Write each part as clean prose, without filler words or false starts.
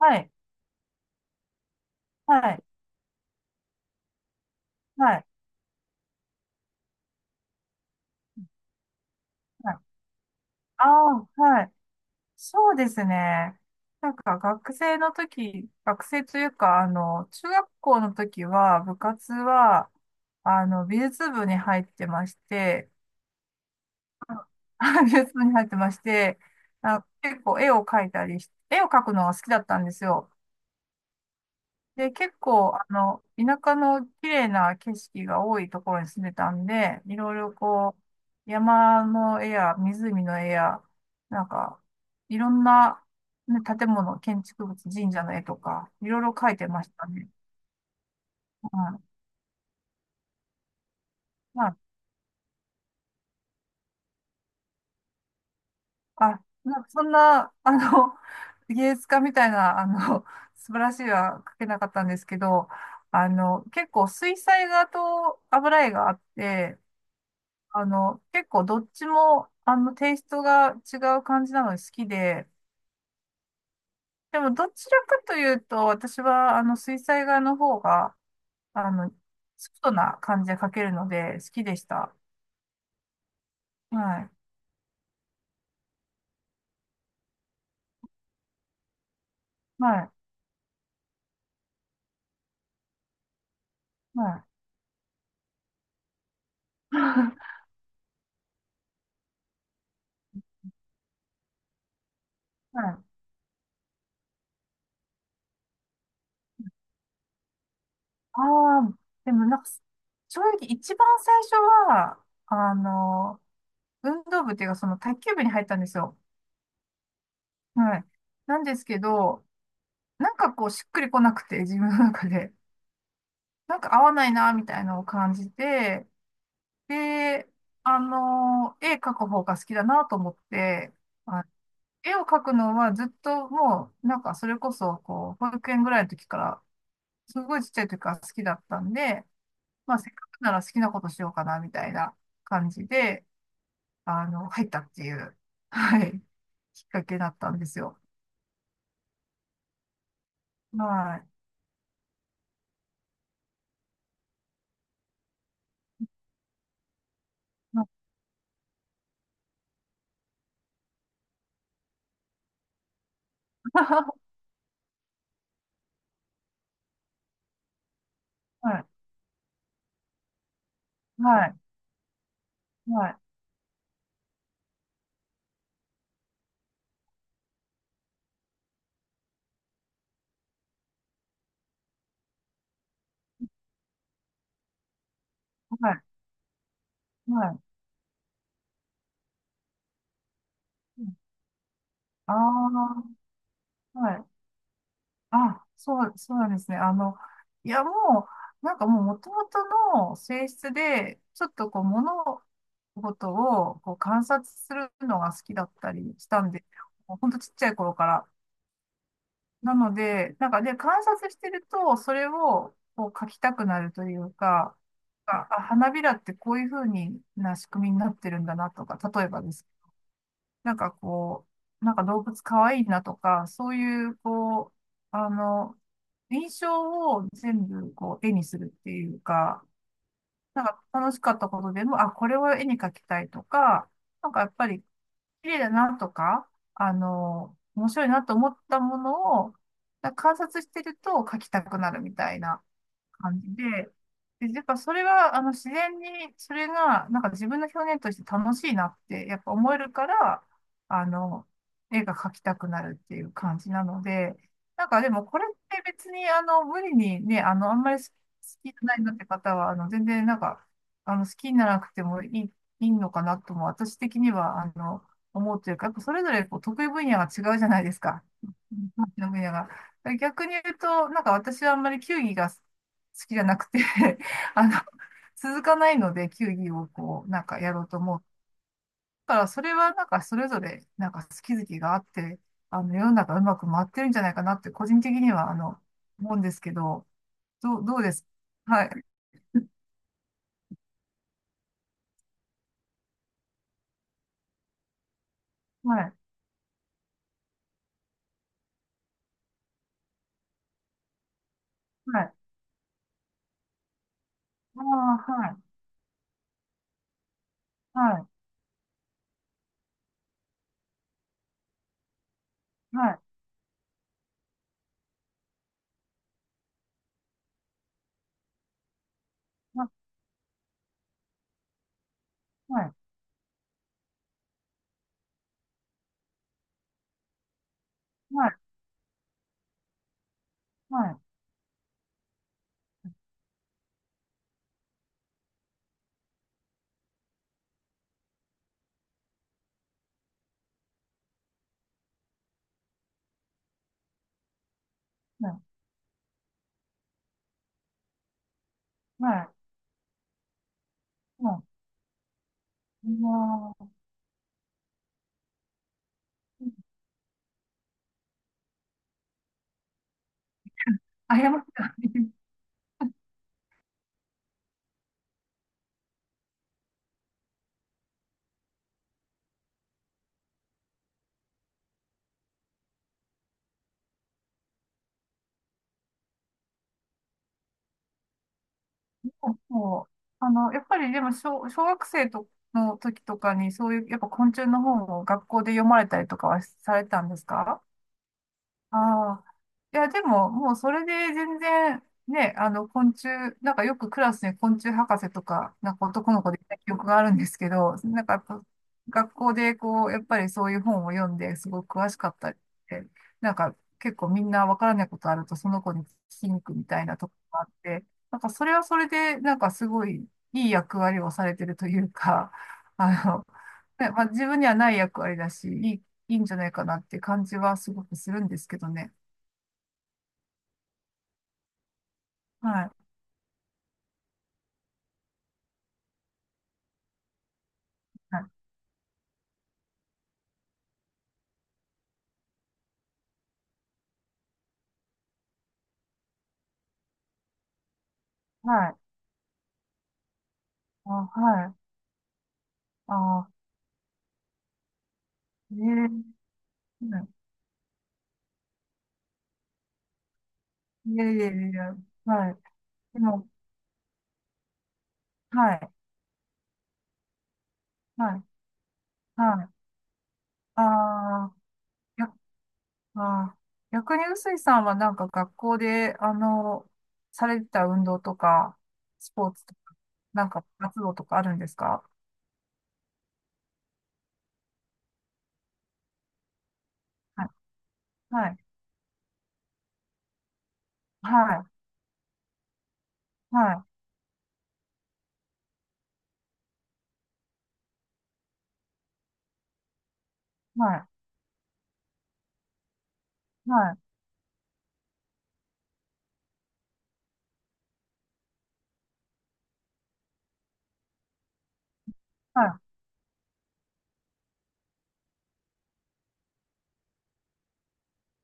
はい、はい、はい、はい。ああ、はい。そうですね。なんか学生の時、学生というか、中学校の時は、部活は、美術部に入ってまして、あ 美術部に入ってまして、あ、結構絵を描いたりし、絵を描くのが好きだったんですよ。で、結構、田舎の綺麗な景色が多いところに住んでたんで、いろいろこう、山の絵や湖の絵や、なんか、いろんな、ね、建物、建築物、神社の絵とか、いろいろ描いてましたね。うん。まあ、なんかそんな、芸術家みたいな、素晴らしい絵は描けなかったんですけど、結構水彩画と油絵があって、結構どっちも、テイストが違う感じなので好きで、でもどちらかというと、私は、水彩画の方が、あの、ソフトな感じで描けるので好きでした。はい。はい。はい。はい。ああ、でもなんか、正直一番最初は、運動部っていうか、その卓球部に入ったんですよ。はい。なんですけど、なんかこう、しっくりこなくて、自分の中で。なんか合わないな、みたいなのを感じて、で、絵描く方が好きだなと思って、あ絵を描くのはずっともう、なんかそれこそ、こう、保育園ぐらいの時から、すごいちっちゃい時から好きだったんで、まあ、せっかくなら好きなことしようかな、みたいな感じで、入ったっていう、はい、きっかけだったんですよ。はい。はい。はい。はい。はい。はい。ああー、はい。あ、そう、そうなんですね。いや、もう、なんかもう元々の性質で、ちょっとこう、物事をこう観察するのが好きだったりしたんで、もうほんとちっちゃい頃から。なので、なんかで、観察してると、それをこう描きたくなるというか、あ花びらってこういう風にな仕組みになってるんだなとか、例えばですなんかこう、なんか動物かわいいなとか、そういう、こう、あの、印象を全部こう絵にするっていうか、なんか楽しかったことでも、あ、これを絵に描きたいとか、なんかやっぱり綺麗だなとか、面白いなと思ったものを、なんか観察してると描きたくなるみたいな。感じで、で、やっぱそれは、自然に、それが、なんか自分の表現として楽しいなって、やっぱ思えるから、あの、絵が描きたくなるっていう感じなので、なんかでもこれって別に、無理にね、あんまり好きじゃないなって方は、全然なんか、好きにならなくてもいいのかなとも、私的には、思うというか、やっぱそれぞれこう得意分野が違うじゃないですか。得意分野が。逆に言うと、なんか私はあんまり球技が好きじゃなくて、あの続かないので球技をこうなんかやろうとも、だからそれはなんかそれぞれなんか好き好きがあって、世の中うまく回ってるんじゃないかなって、個人的には思うんですけど、どうです、はい、はい、はい、あ、はい、はい、はい、はい、はい、はい、はい、あやまちゃん。そうそう、やっぱりでも小学生との時とかにそういう、やっぱ昆虫の本を学校で読まれたりとかはされたんですか？ああ。いや、でも、もうそれで全然、ね、昆虫、なんかよくクラスに昆虫博士とか、なんか男の子でいた記憶があるんですけど、なんかやっぱ学校でこう、やっぱりそういう本を読んですごく詳しかったりって、なんか結構みんなわからないことあるとその子に聞きに行くみたいなとこがあって、なんかそれはそれで、なんかすごいいい役割をされてるというか、あの、ね、まあ、自分にはない役割だし、いいんじゃないかなって感じはすごくするんですけどね。はい。はい。はい。あ、はい。あ、ええ、はい、いやいやいやいや。はい。でも、はい。はい。はい。ああや、あー、逆に臼井さんはなんか学校で、されてた運動とか、スポーツとか、なんか活動とかあるんですか？はい。はい。はい。はい。はい。はい。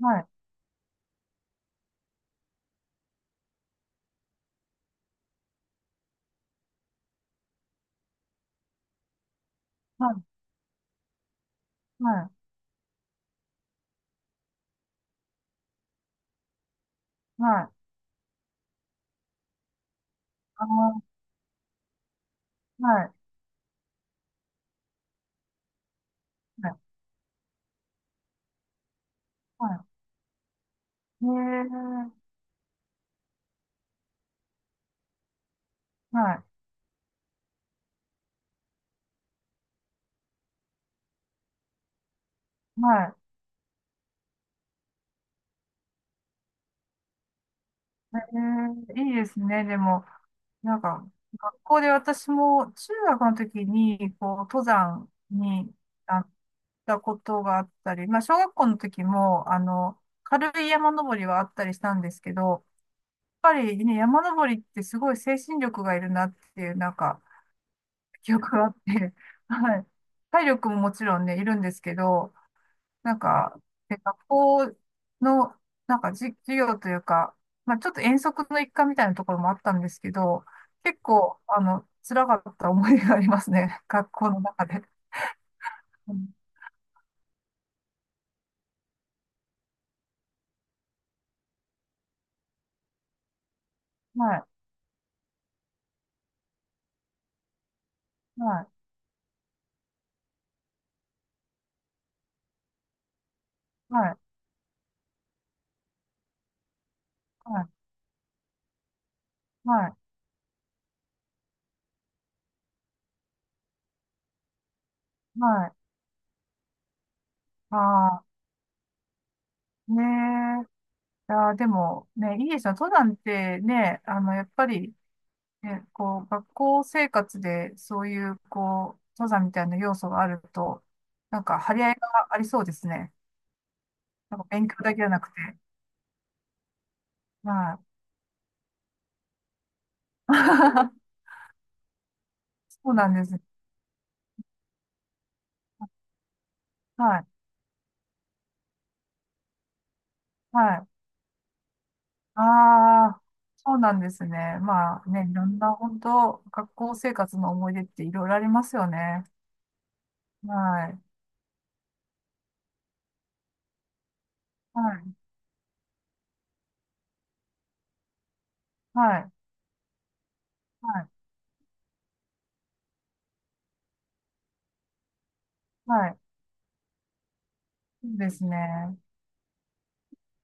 はい。はい。はい。はい。はい。はい、あーはい。はい。はい。へえ、はい、はい。ええ、いいですね。でも、なんか、学校で私も中学の時に、こう、登山にあったことがあったり、まあ、小学校の時も、軽い山登りはあったりしたんですけど、やっぱりね、山登りってすごい精神力がいるなっていう、なんか、記憶があって、はい。体力ももちろんね、いるんですけど、なんか、で学校の、なんか授業というか、まあちょっと遠足の一環みたいなところもあったんですけど、結構、辛かった思いがありますね。学校の中で。うん、はい、はい、はい、はい、はい、はい。ああ、ねえ。いやー、でも、ね、いいですよ。登山ってね、やっぱり、ね、こう、学校生活でそういう、こう、登山みたいな要素があると、なんか、張り合いがありそうですね。なんか勉強だけじゃなくて。はい。そうなんです。はい。はい。ああ、そうなんですね。まあね、いろんな本当、学校生活の思い出っていろいろありますよね。はい。はい。はい。はい。はい。そうですね。